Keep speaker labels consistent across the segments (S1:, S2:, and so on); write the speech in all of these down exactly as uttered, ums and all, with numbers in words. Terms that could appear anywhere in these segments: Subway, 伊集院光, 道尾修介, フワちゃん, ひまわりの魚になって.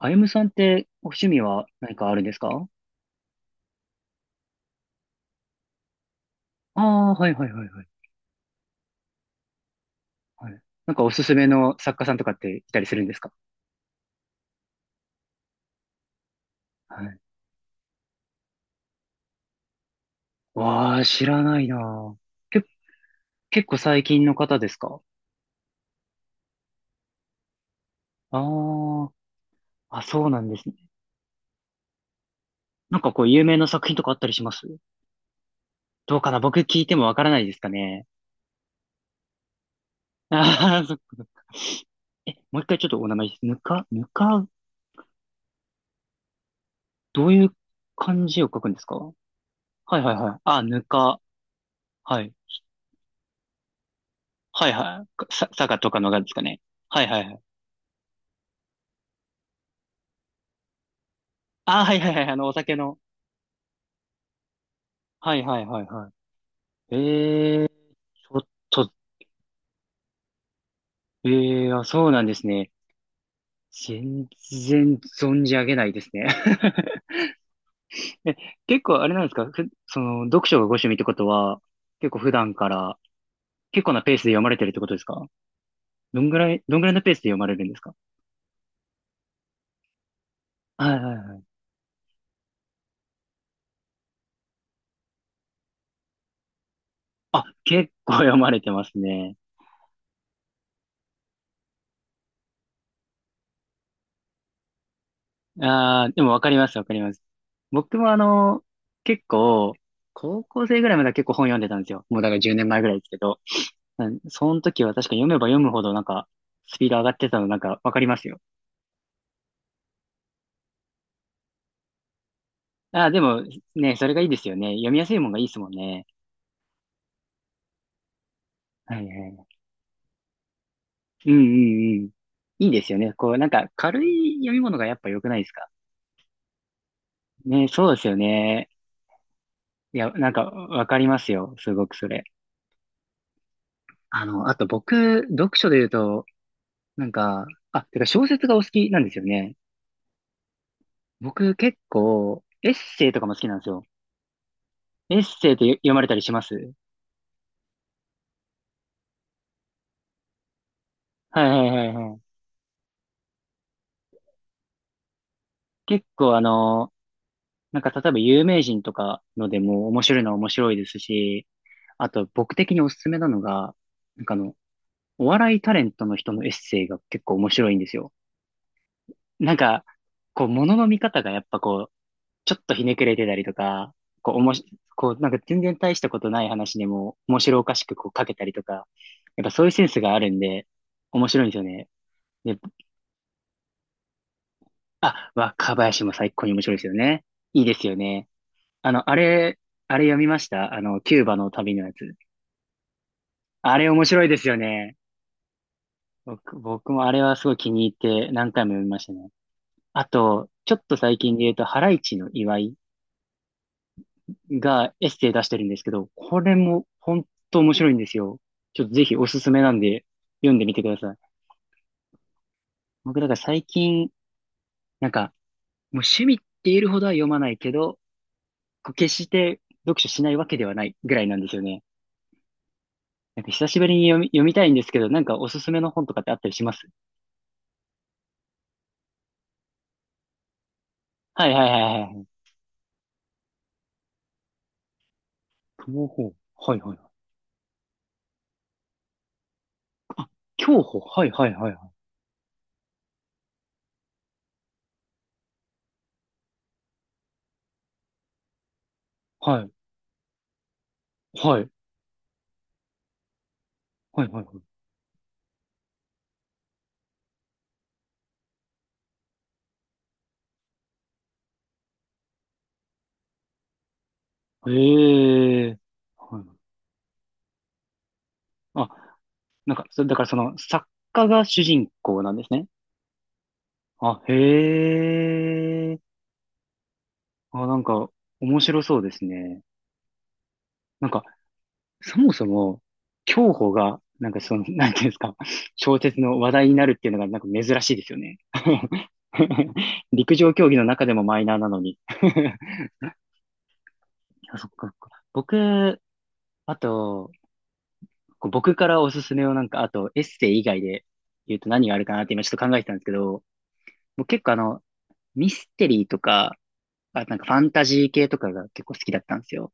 S1: あゆむさんってお趣味は何かあるんですか？ああー、はいはいはいはい。はい。なんかおすすめの作家さんとかっていたりするんですか？はい。わあ、知らないなぁ。け、結構最近の方ですか？ああ、あ、そうなんですね。なんかこう有名な作品とかあったりします？どうかな、僕聞いてもわからないですかね。ああ、そっかそっか。え、もう一回ちょっとお名前です。ぬか、ぬか、どういう漢字を書くんですか？はいはいはい。あ、ぬか。はい。はいはい。さ、佐賀とかのがですかね。はいはいはい。あ、はいはいはい、あの、お酒の。はいはいはいはい。ええー、ちょっと、ええあ、そうなんですね。全然存じ上げないですね。え、結構あれなんですか？ふ、その、読書がご趣味ってことは、結構普段から、結構なペースで読まれてるってことですか？どんぐらい、どんぐらいのペースで読まれるんですか？はいはいはい。あ、結構読まれてますね。ああ、でもわかりますわかります。僕もあの、結構、高校生ぐらいまでは結構本読んでたんですよ。もうだからじゅうねんまえぐらいですけど。うん、その時は確か読めば読むほどなんか、スピード上がってたのなんかわかりますよ。ああ、でも、ね、それがいいですよね。読みやすいもんがいいですもんね。はいはい。うんうんうん。いいですよね。こう、なんか軽い読み物がやっぱ良くないですか？ね、そうですよね。いや、なんかわかりますよ。すごくそれ。あの、あと僕、読書で言うと、なんか、あ、てか小説がお好きなんですよね。僕結構、エッセイとかも好きなんですよ。エッセイって読まれたりします？はいはいはいはい。結構あの、なんか例えば有名人とかのでも面白いのは面白いですし、あと僕的におすすめなのが、なんかあの、お笑いタレントの人のエッセイが結構面白いんですよ。なんか、こう、ものの見方がやっぱこう、ちょっとひねくれてたりとか、こう、おもし、こう、なんか全然大したことない話でも面白おかしくこう書けたりとか、やっぱそういうセンスがあるんで、面白いんですよね。で、あ、若林も最高に面白いですよね。いいですよね。あの、あれ、あれ読みました？あの、キューバの旅のやつ。あれ面白いですよね。僕、僕もあれはすごい気に入って何回も読みましたね。あと、ちょっと最近で言うと、ハライチの岩井がエッセイ出してるんですけど、これも本当面白いんですよ。ちょっとぜひおすすめなんで読んでみてください。僕だから最近、なんか、もう趣味って言えるほどは読まないけど、こう決して読書しないわけではないぐらいなんですよね。なんか久しぶりに読み、読みたいんですけど、なんかおすすめの本とかってあったりします？はいはいはいはいは、東方はいはい。競歩はいはいはいはい。はい。はいはいはい。ええ、はい。あ、なんか、そだからその、作家が主人公なんですね。あ、へえ。あ、なんか、面白そうですね。なんか、そもそも、競歩が、なんかその、なんていうんですか、小説の話題になるっていうのが、なんか珍しいですよね。陸上競技の中でもマイナーなのに。いや、そっかそっか。僕、あと、こう僕からおすすめをなんか、あとエッセイ以外で言うと何があるかなって今ちょっと考えてたんですけど、僕結構あの、ミステリーとか、あ、なんかファンタジー系とかが結構好きだったんですよ。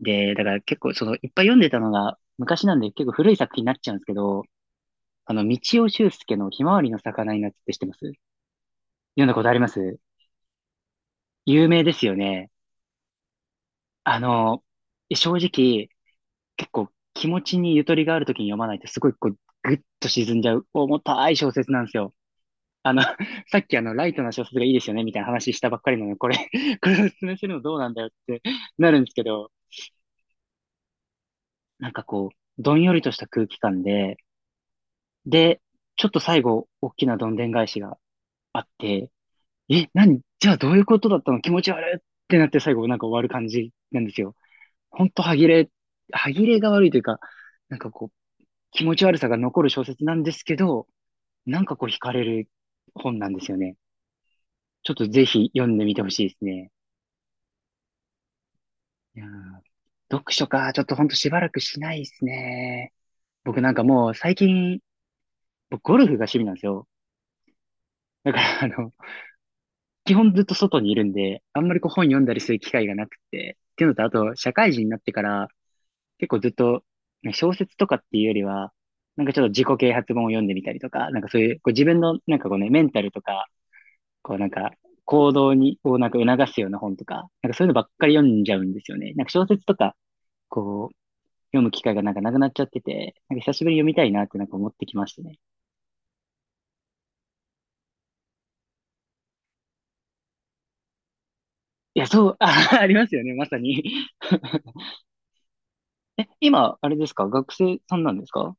S1: で、だから結構その、いっぱい読んでたのが昔なんで結構古い作品になっちゃうんですけど、あの、道尾修介のひまわりの魚になってって知ってます？読んだことあります？有名ですよね。あの、正直、結構気持ちにゆとりがあるときに読まないとすごいこう、ぐっと沈んじゃう重たい小説なんですよ。あの、さっきあの、ライトな小説がいいですよね、みたいな話したばっかりなのに、これ、これをお勧めするのどうなんだよってなるんですけど、なんかこう、どんよりとした空気感で、で、ちょっと最後、大きなどんでん返しがあって、え、何じゃあどういうことだったの気持ち悪いってなって最後なんか終わる感じなんですよ。ほんと歯切れ、歯切れが悪いというか、なんかこう、気持ち悪さが残る小説なんですけど、なんかこう惹かれる本なんですよね。ちょっとぜひ読んでみてほしいですね。いやー、読書か、ちょっとほんとしばらくしないですね。僕なんかもう最近、僕ゴルフが趣味なんですよ。だからあの、基本ずっと外にいるんで、あんまりこう本読んだりする機会がなくて、っていうのとあと社会人になってから結構ずっとね、小説とかっていうよりは、なんかちょっと自己啓発本を読んでみたりとか、なんかそういう、こう自分のなんかこうね、メンタルとか、こうなんか行動に、こうなんか促すような本とか、なんかそういうのばっかり読んじゃうんですよね。なんか小説とか、こう、読む機会がなんかなくなっちゃってて、なんか久しぶりに読みたいなってなんか思ってきましたね。いや、そう、あ、ありますよね、まさに。え、今、あれですか、学生さんなんですか？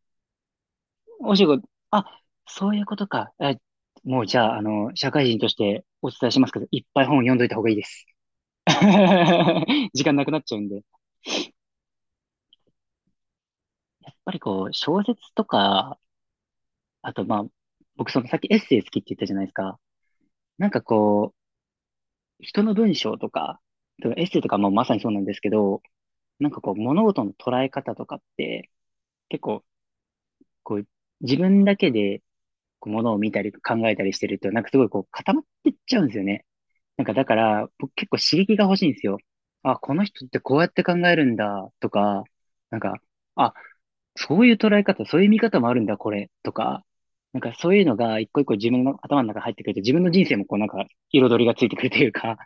S1: お仕事、あ、そういうことか。え、もうじゃあ、あの、社会人としてお伝えしますけど、いっぱい本読んどいた方がいいです。時間なくなっちゃうんで。やっぱりこう、小説とか、あとまあ、僕そのさっきエッセイ好きって言ったじゃないですか。なんかこう、人の文章とか、エッセイとかもまさにそうなんですけど、なんかこう、物事の捉え方とかって、結構、こう、自分だけで、こう、物を見たり考えたりしてると、なんかすごいこう、固まってっちゃうんですよね。なんかだから、僕結構刺激が欲しいんですよ。あ、この人ってこうやって考えるんだ、とか、なんか、あ、そういう捉え方、そういう見方もあるんだ、これ、とか、なんかそういうのが一個一個自分の頭の中に入ってくると、自分の人生もこうなんか彩りがついてくるというか、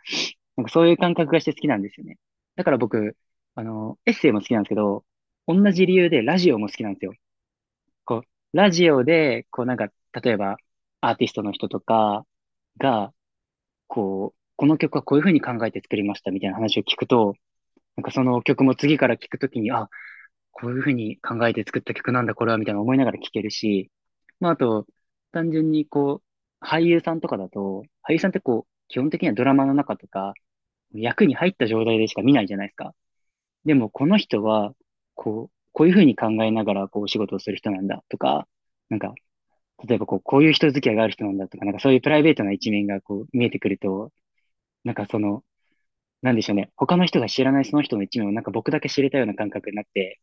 S1: なんかそういう感覚がして好きなんですよね。だから僕、あの、エッセイも好きなんですけど、同じ理由でラジオも好きなんですよ。こう、ラジオで、こうなんか、例えば、アーティストの人とかが、こう、この曲はこういうふうに考えて作りましたみたいな話を聞くと、なんかその曲も次から聞くときに、あ、こういうふうに考えて作った曲なんだ、これは、みたいな思いながら聴けるし、まああと、単純にこう、俳優さんとかだと、俳優さんってこう、基本的にはドラマの中とか、役に入った状態でしか見ないじゃないですか。でも、この人は、こう、こういうふうに考えながら、こう、お仕事をする人なんだとか、なんか、例えば、こう、こういう人付き合いがある人なんだとか、なんかそういうプライベートな一面が、こう、見えてくると、なんかその、なんでしょうね。他の人が知らないその人の一面を、なんか僕だけ知れたような感覚になって、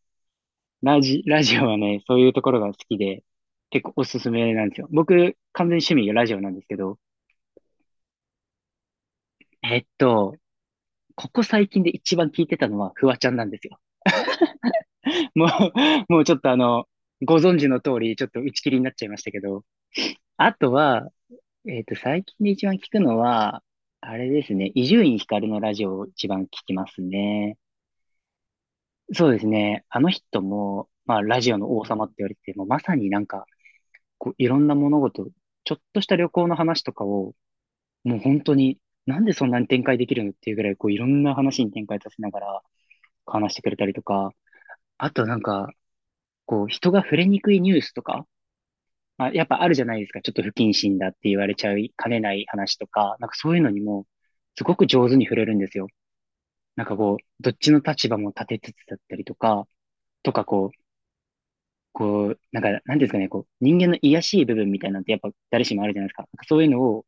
S1: ラジ、ラジオはね、そういうところが好きで、結構おすすめなんですよ。僕、完全に趣味がラジオなんですけど、えっと、ここ最近で一番聞いてたのは、フワちゃんなんですよ。もう、もうちょっとあの、ご存知の通り、ちょっと打ち切りになっちゃいましたけど、あとは、えっと、最近で一番聞くのは、あれですね、伊集院光のラジオを一番聞きますね。そうですね、あの人も、まあ、ラジオの王様って言われてて、もうまさになんか、こう、いろんな物事、ちょっとした旅行の話とかを、もう本当に、なんでそんなに展開できるのっていうぐらい、こう、いろんな話に展開させながら話してくれたりとか、あとなんか、こう、人が触れにくいニュースとか、まあ、やっぱあるじゃないですか。ちょっと不謹慎だって言われちゃいかねない話とか、なんかそういうのにも、すごく上手に触れるんですよ。なんかこう、どっちの立場も立てつつだったりとか、とかこう、こう、なんか、なんていうんですかね、こう、人間の卑しい部分みたいなんてやっぱ誰しもあるじゃないですか。なんかそういうのを、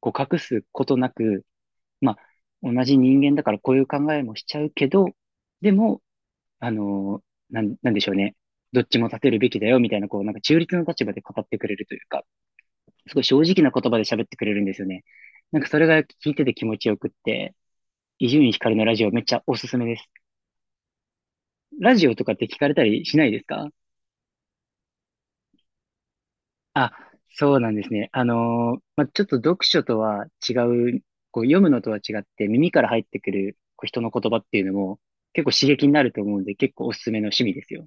S1: こう、隠すことなく、まあ、同じ人間だからこういう考えもしちゃうけど、でも、あのーなん、なんでしょうね。どっちも立てるべきだよ、みたいな、こう、なんか中立の立場で語ってくれるというか、すごい正直な言葉で喋ってくれるんですよね。なんかそれが聞いてて気持ちよくって、伊集院光のラジオめっちゃおすすめです。ラジオとかって聞かれたりしないですか？あ、そうなんですね。あのーまあ、ちょっと読書とは違う、こう読むのとは違って耳から入ってくるこう人の言葉っていうのも結構刺激になると思うんで結構おすすめの趣味ですよ。